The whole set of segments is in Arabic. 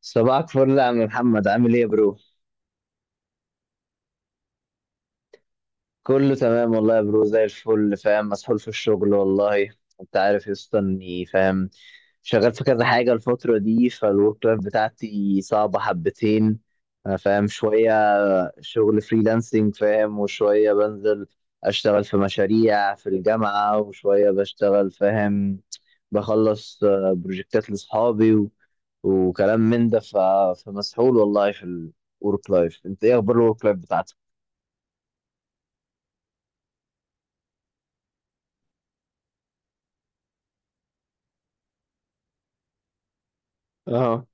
صباحك فل يا عم محمد، عامل ايه يا برو؟ كله تمام والله يا برو، زي الفل. فاهم، مسحول في الشغل والله. انت عارف يا اسطى اني فاهم، شغال في كذا حاجه الفتره دي، فالورك لايف بتاعتي صعبه حبتين. انا فاهم شويه شغل فريلانسنج فاهم، وشويه بنزل اشتغل في مشاريع في الجامعه، وشويه بشتغل فاهم، بخلص بروجكتات لاصحابي وكلام من ده. فمسحول والله في الورك لايف. انت ايه اخبار الورك لايف بتاعتك؟ اه،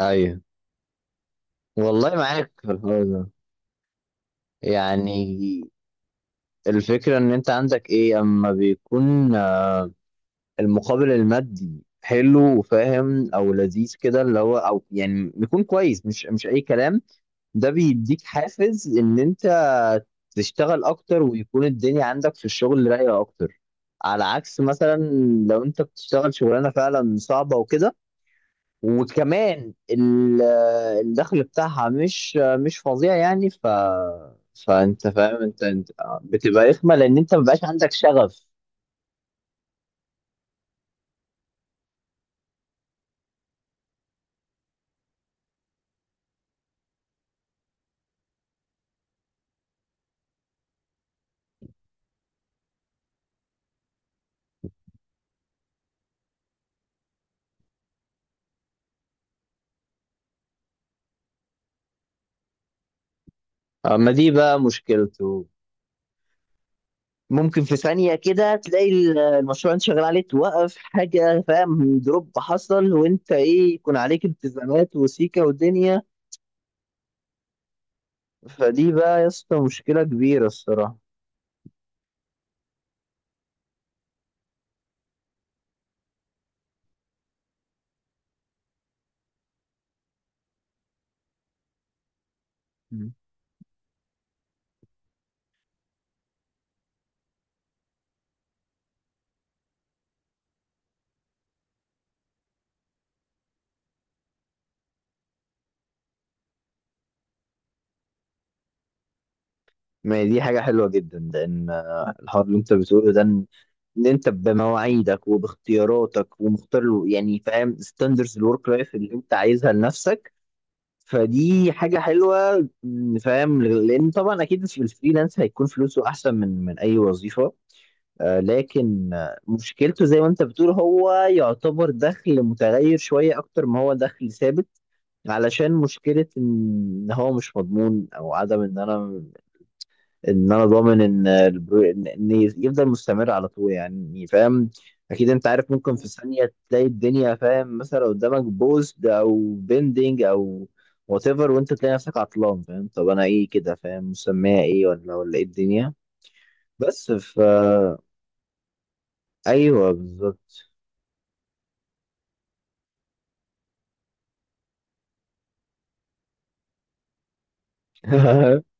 ايوه. والله معاك في الحوار ده. يعني الفكرة ان انت عندك ايه اما بيكون المقابل المادي حلو وفاهم او لذيذ كده، اللي هو او يعني بيكون كويس، مش اي كلام. ده بيديك حافز ان انت تشتغل اكتر ويكون الدنيا عندك في الشغل رايقة اكتر. على عكس مثلا لو انت بتشتغل شغلانة فعلا صعبة وكده، وكمان الدخل بتاعها مش فظيع، يعني ف، فانت فاهم، انت بتبقى رخمه لان انت مبقاش عندك شغف. اما دي بقى مشكلته، ممكن في ثانيه كده تلاقي المشروع اللي انت شغال عليه توقف حاجه، فاهم، دروب حصل، وانت ايه، يكون عليك التزامات وسيكه ودنيا. فدي بقى يا اسطى مشكله كبيره الصراحه. مم. ما هي دي حاجه حلوه جدا، لان الحوار اللي انت بتقوله ده، ان انت بمواعيدك وباختياراتك ومختار يعني فاهم ستاندرز الورك لايف اللي انت عايزها لنفسك. فدي حاجة حلوة، فاهم، لأن طبعا أكيد في الفريلانس هيكون فلوسه أحسن من أي وظيفة. لكن مشكلته زي ما أنت بتقول هو يعتبر دخل متغير شوية أكتر ما هو دخل ثابت. علشان مشكلة إن هو مش مضمون، أو عدم إن أنا، ان انا ضامن ان إن يفضل مستمر على طول يعني فاهم. اكيد انت عارف ممكن في ثانيه تلاقي الدنيا فاهم، مثلا قدامك بوست او بندنج او وات ايفر، وانت تلاقي نفسك عطلان، فاهم، طب انا ايه كده، فاهم، مسميها ايه، ولا ايه الدنيا. بس ف ايوه بالظبط.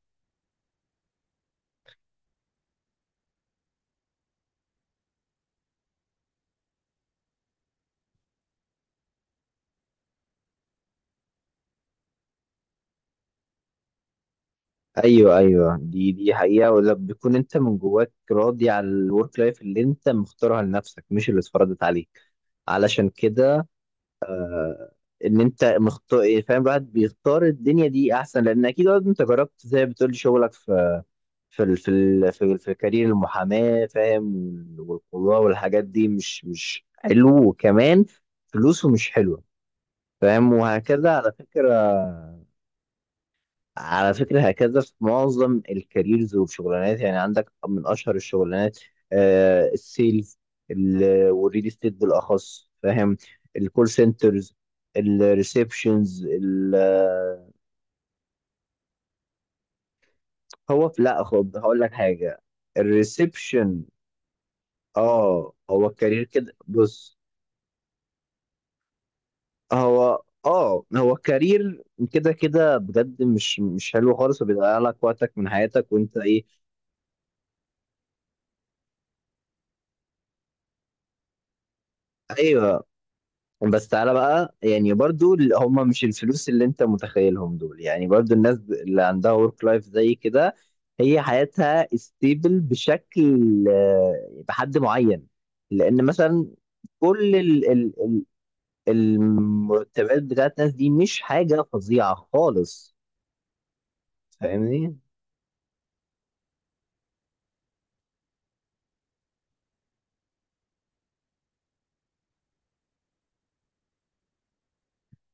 ايوه ايوه، دي حقيقه، ولا بيكون انت من جواك راضي على الورك لايف اللي انت مختارها لنفسك مش اللي اتفرضت عليك. علشان كده ان انت مختار، فاهم، الواحد بيختار الدنيا دي احسن، لان اكيد برضه انت جربت زي ما بتقول شغلك في، في كارير المحاماه، فاهم، والقضاء والحاجات دي مش حلو، وكمان فلوسه مش حلوه، فاهم، وهكذا. على فكره، على فكرة هكذا في معظم الكاريرز والشغلانات. يعني عندك من أشهر الشغلانات السيلز، والريل استيت بالأخص، فاهم، الكول سنترز، الريسبشنز. لا خد هقول لك حاجة. الريسبشن، اه، هو كارير كده، بص، هو اه، هو كارير كده كده بجد مش حلو خالص، وبيضيع لك وقتك من حياتك، وانت ايه. ايوه، بس تعالى بقى يعني، برضو هم مش الفلوس اللي انت متخيلهم دول. يعني برضو الناس اللي عندها ورك لايف زي كده هي حياتها ستيبل بشكل، بحد معين، لان مثلا كل ال ال ال المرتبات بتاعت الناس دي مش حاجة فظيعة خالص، فاهمني.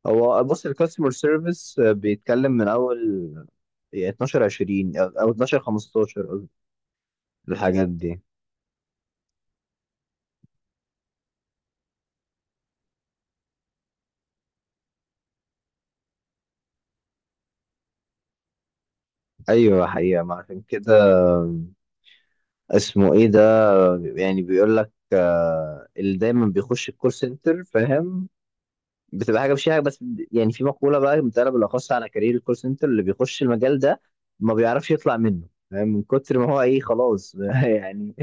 هو بص، الكاستمر سيرفيس بيتكلم من اول 12 20، او 12 15 قصدي، الحاجات دي. ايوه حقيقة، ما عشان كده اسمه ايه ده، يعني بيقول لك اللي دايما بيخش الكول سنتر، فاهم، بتبقى حاجه، مش حاجه بس. يعني في مقوله بقى متقاله بالاخص على كارير الكول سنتر، اللي بيخش المجال ده ما بيعرفش يطلع منه، فاهم، من كتر ما هو ايه خلاص يعني.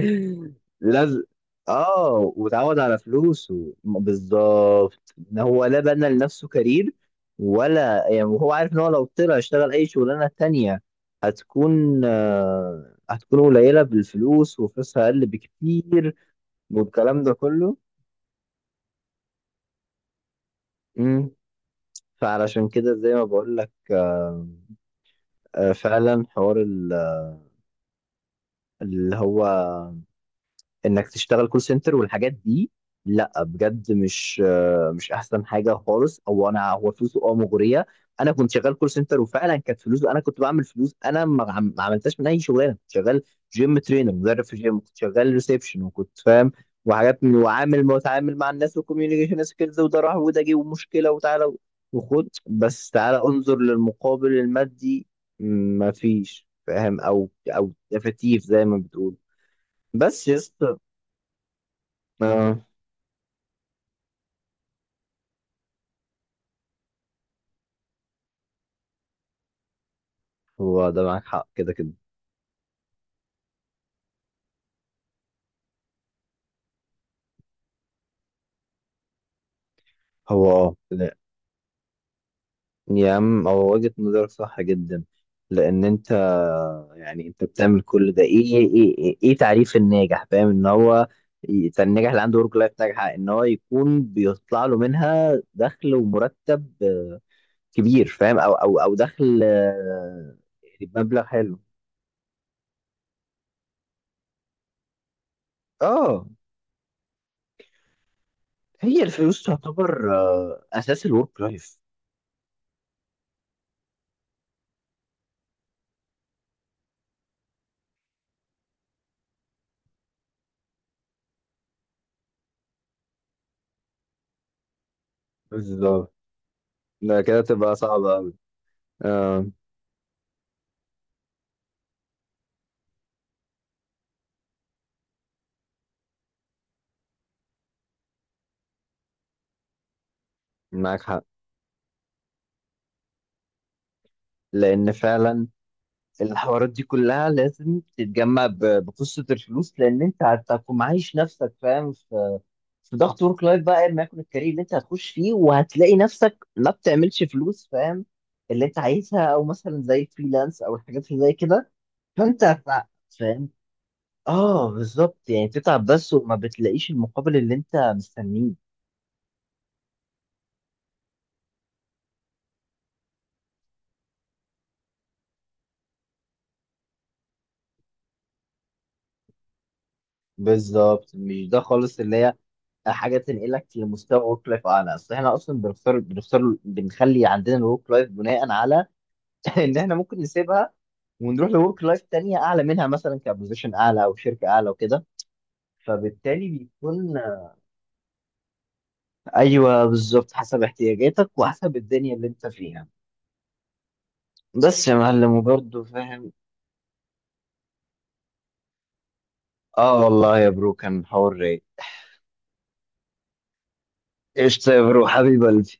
لازم، اه، وتعود على فلوسه، بالظبط، ان هو لا بنى لنفسه كارير، ولا يعني، وهو عارف ان هو لو طلع اشتغل اي شغلانه تانية هتكون آه، هتكون قليله بالفلوس وفلوسها اقل بكتير، والكلام ده كله. امم، فعلشان كده زي ما بقول لك، آه، فعلا حوار اللي هو انك تشتغل كول سنتر والحاجات دي، لا بجد مش مش احسن حاجه خالص. او انا هو فلوسه اه مغريه، انا كنت شغال كول سنتر وفعلا كانت فلوسه، انا كنت بعمل فلوس انا ما عملتهاش من اي شغلانه كنت شغال. جيم ترينر، مدرب في جيم، كنت شغال ريسبشن، وكنت فاهم وحاجات من، وعامل متعامل مع الناس وكوميونيكيشن سكيلز، وده راح وده جه ومشكله وتعالى وخد، بس تعالى انظر للمقابل المادي، ما فيش فاهم، او او تفتيف زي ما بتقول. بس يس، اه، هو ده معاك حق كده كده. هو اه، لا، يا عم هو وجهة نظرك صح جدا، لان انت، يعني انت بتعمل كل ده إيه تعريف الناجح؟ فاهم، ان هو، الناجح اللي عنده ورك لايف ناجحة ان هو يكون بيطلع له منها دخل ومرتب كبير، فاهم، او دخل يعني بمبلغ حلو. اه، هي الفلوس تعتبر اساس الورك لايف. بالظبط. لا كده تبقى صعبة أوي. آه، معاك حق، لان فعلا الحوارات دي كلها لازم تتجمع بقصه الفلوس، لان انت هتكون معايش نفسك فاهم في ضغط ورك لايف، بقى ايا ما يكون الكارير اللي انت هتخش فيه، وهتلاقي نفسك ما بتعملش فلوس، فاهم، اللي انت عايزها، او مثلا زي الفريلانس او الحاجات اللي زي كده. فانت هت- فاهم، اه بالظبط، يعني بتتعب بس وما بتلاقيش المقابل اللي انت مستنيه. بالظبط، مش ده خالص اللي هي حاجه تنقلك لمستوى ورك لايف اعلى، اصل احنا اصلا بنختار بنخلي عندنا الورك لايف بناء على ان احنا ممكن نسيبها ونروح لورك لايف تانية اعلى منها، مثلا كبوزيشن اعلى او شركه اعلى وكده، فبالتالي بيكون ايوه بالظبط، حسب احتياجاتك وحسب الدنيا اللي انت فيها. بس يا معلم، وبرضه فاهم، اه والله يا برو كان حوار رايق. قشطة يا برو، حبيبي قلبي.